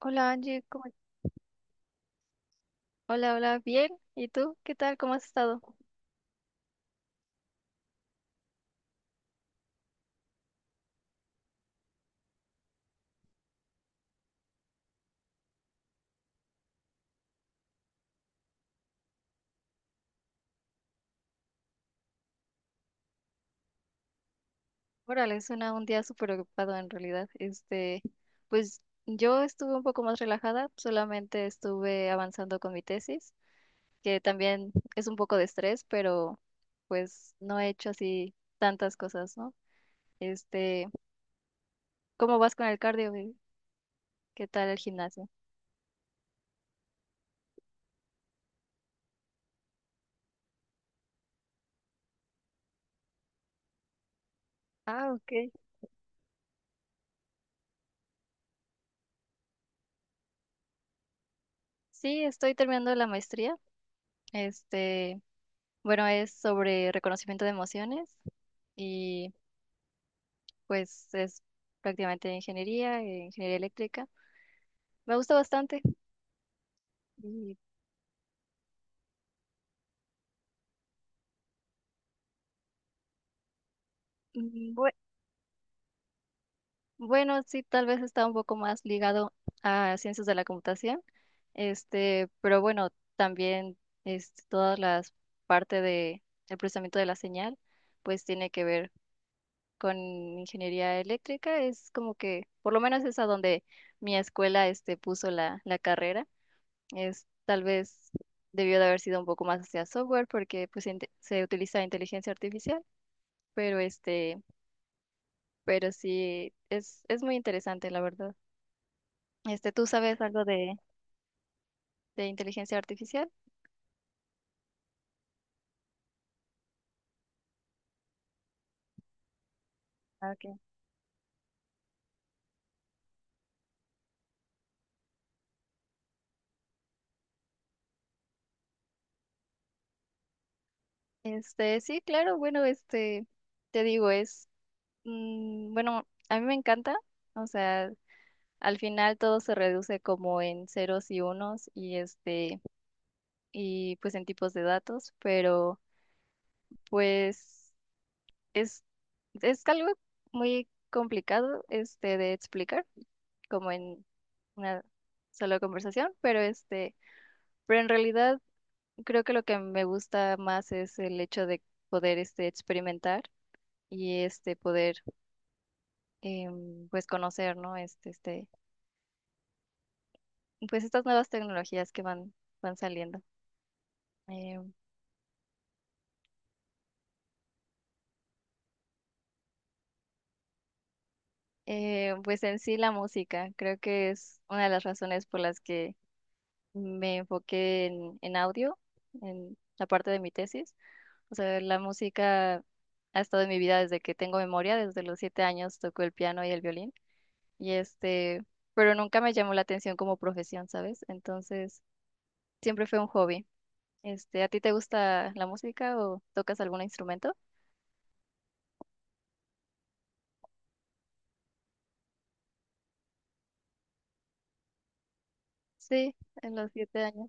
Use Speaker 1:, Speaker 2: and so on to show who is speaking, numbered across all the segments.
Speaker 1: Hola Angie, ¿cómo- Hola, hola, bien. ¿Y tú? ¿Qué tal? ¿Cómo has estado? Órale, suena un día súper ocupado en realidad. Pues yo estuve un poco más relajada, solamente estuve avanzando con mi tesis, que también es un poco de estrés, pero pues no he hecho así tantas cosas, ¿no? Este, ¿Cómo vas con el cardio? Y ¿qué tal el gimnasio? Ah, ok. Sí, estoy terminando la maestría. Este, bueno, es sobre reconocimiento de emociones. Y pues es prácticamente de ingeniería, ingeniería eléctrica. Me gusta bastante. Y, mm, bue- bueno, sí, tal vez está un poco más ligado a ciencias de la computación, pero bueno, también todas las partes de el procesamiento de la señal, pues tiene que ver con ingeniería eléctrica. Es como que, por lo menos es a donde mi escuela puso la carrera. Es tal vez debió de haber sido un poco más hacia software porque pues se utiliza inteligencia artificial, pero pero sí es muy interesante la verdad. ¿Tú sabes algo de inteligencia artificial? Ah, okay. Sí, claro, bueno, te digo bueno, a mí me encanta, o sea, al final todo se reduce como en ceros y unos y y pues en tipos de datos, pero pues Es, es algo muy complicado de explicar, como en una sola conversación, pero pero en realidad creo que lo que me gusta más es el hecho de poder experimentar y poder pues conocer, ¿no? Pues estas nuevas tecnologías que van saliendo. Em, pues en sí la música, creo que es una de las razones por las que me enfoqué en audio, en la parte de mi tesis. O sea, la música ha estado en mi vida desde que tengo memoria, desde los siete años toco el piano y el violín. Y pero nunca me llamó la atención como profesión, ¿sabes? Entonces, siempre fue un hobby. ¿A ti te gusta la música o tocas algún instrumento? Sí, en los siete años.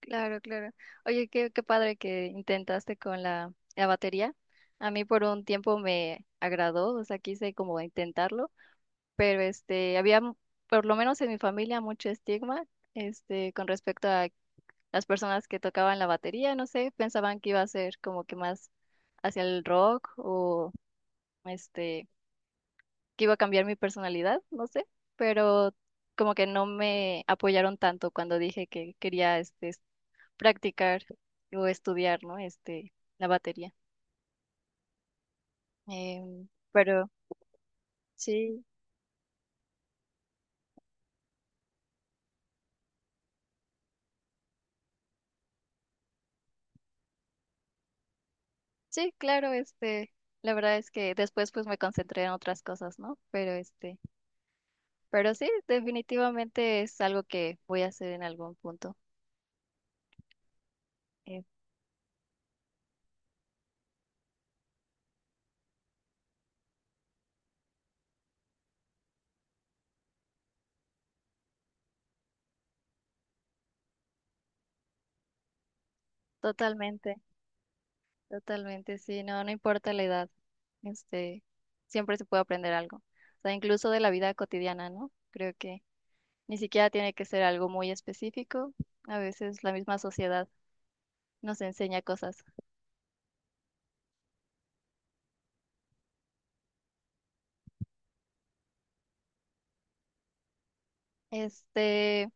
Speaker 1: Claro, claro. Oye, qué padre que intentaste con la batería. A mí por un tiempo me agradó, o sea, quise como intentarlo, pero por lo menos en mi familia, mucho estigma, con respecto a las personas que tocaban la batería, no sé, pensaban que iba a ser como que más hacia el rock o, este, que iba a cambiar mi personalidad, no sé, pero como que no me apoyaron tanto cuando dije que quería, practicar o estudiar, ¿no? La batería. Pero sí. Sí, claro, la verdad es que después pues me concentré en otras cosas, ¿no? Pero pero sí, definitivamente es algo que voy a hacer en algún punto. Eh, totalmente, totalmente, sí, no, no importa la edad, este, siempre se puede aprender algo. O sea, incluso de la vida cotidiana, ¿no? Creo que ni siquiera tiene que ser algo muy específico. A veces la misma sociedad nos enseña cosas. Este,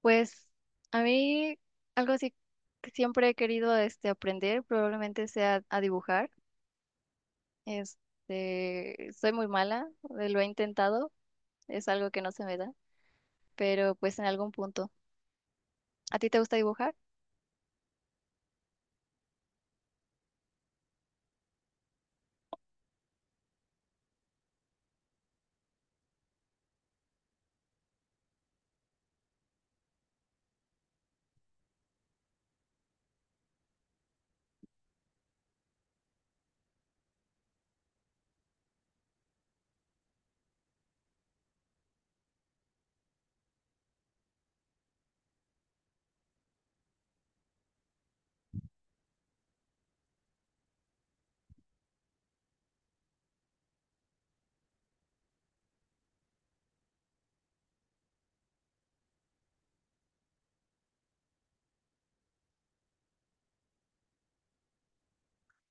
Speaker 1: Pues a mí algo así que siempre he querido aprender probablemente sea a dibujar. Soy muy mala, lo he intentado, es algo que no se me da, pero pues en algún punto. ¿A ti te gusta dibujar?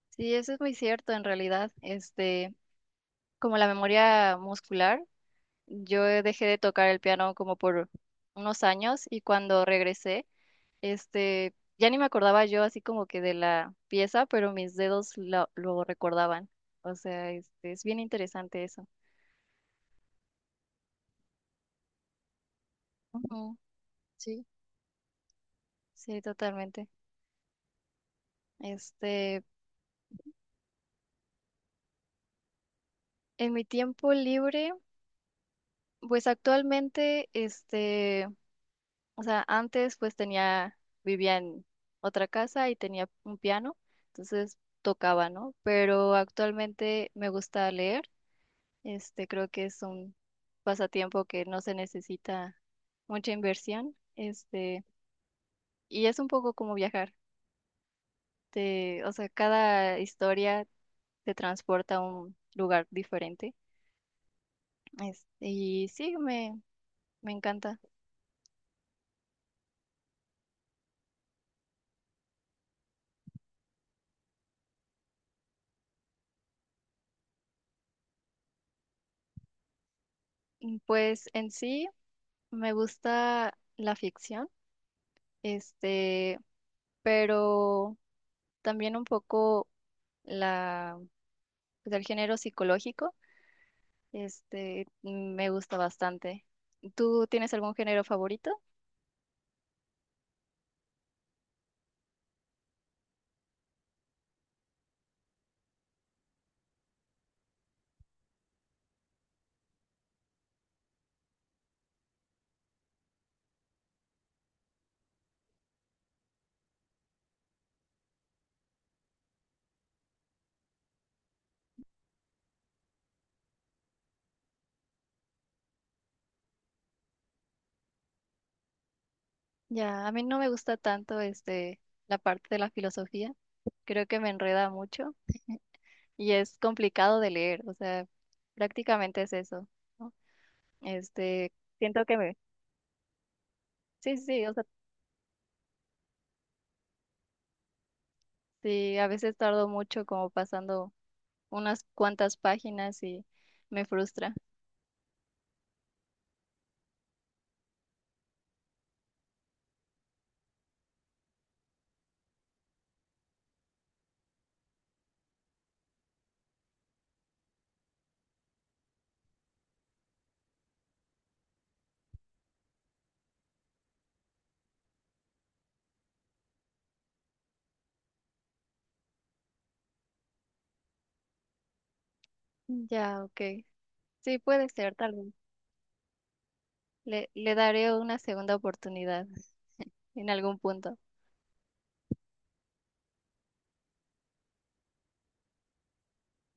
Speaker 1: Sí, eso es muy cierto en realidad. Como la memoria muscular, yo dejé de tocar el piano como por unos años y cuando regresé, ya ni me acordaba yo así como que de la pieza, pero mis dedos lo recordaban. O sea, es bien interesante eso. Ujú. Sí, sí, totalmente. Este, en mi tiempo libre, pues actualmente, o sea, antes pues tenía, vivía en otra casa y tenía un piano, entonces tocaba, ¿no? Pero actualmente me gusta leer. Creo que es un pasatiempo que no se necesita mucha inversión. Y es un poco como viajar. O sea, cada historia te transporta a un lugar diferente. Y sí, me encanta. Pues en sí me gusta la ficción, este, pero también un poco la, pues, el género psicológico. Me gusta bastante. ¿Tú tienes algún género favorito? Ya, a mí no me gusta tanto la parte de la filosofía. Creo que me enreda mucho y es complicado de leer, o sea, prácticamente es eso, ¿no? Este, siento que me... Sí, sí, sí, o sea, sí, a veces tardo mucho como pasando unas cuantas páginas y me frustra. Ya, ok. Sí, puede ser, tal vez. Le daré una segunda oportunidad en algún punto.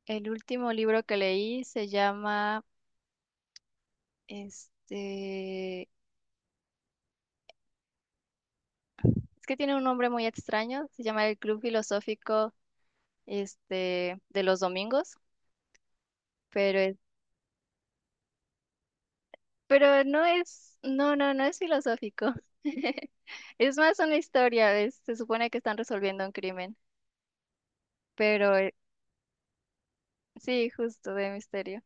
Speaker 1: El último libro que leí se llama, este, es que tiene un nombre muy extraño, se llama El Club Filosófico, de los domingos, pero es, pero no es, no, no, no es filosófico. Es más una historia, se supone que están resolviendo un crimen, pero sí, justo de misterio.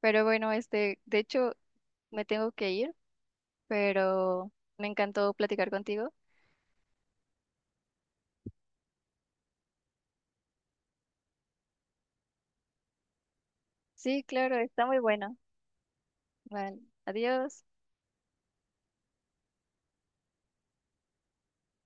Speaker 1: Pero bueno, de hecho, me tengo que ir, pero me encantó platicar contigo. Sí, claro, está muy bueno. Vale, adiós.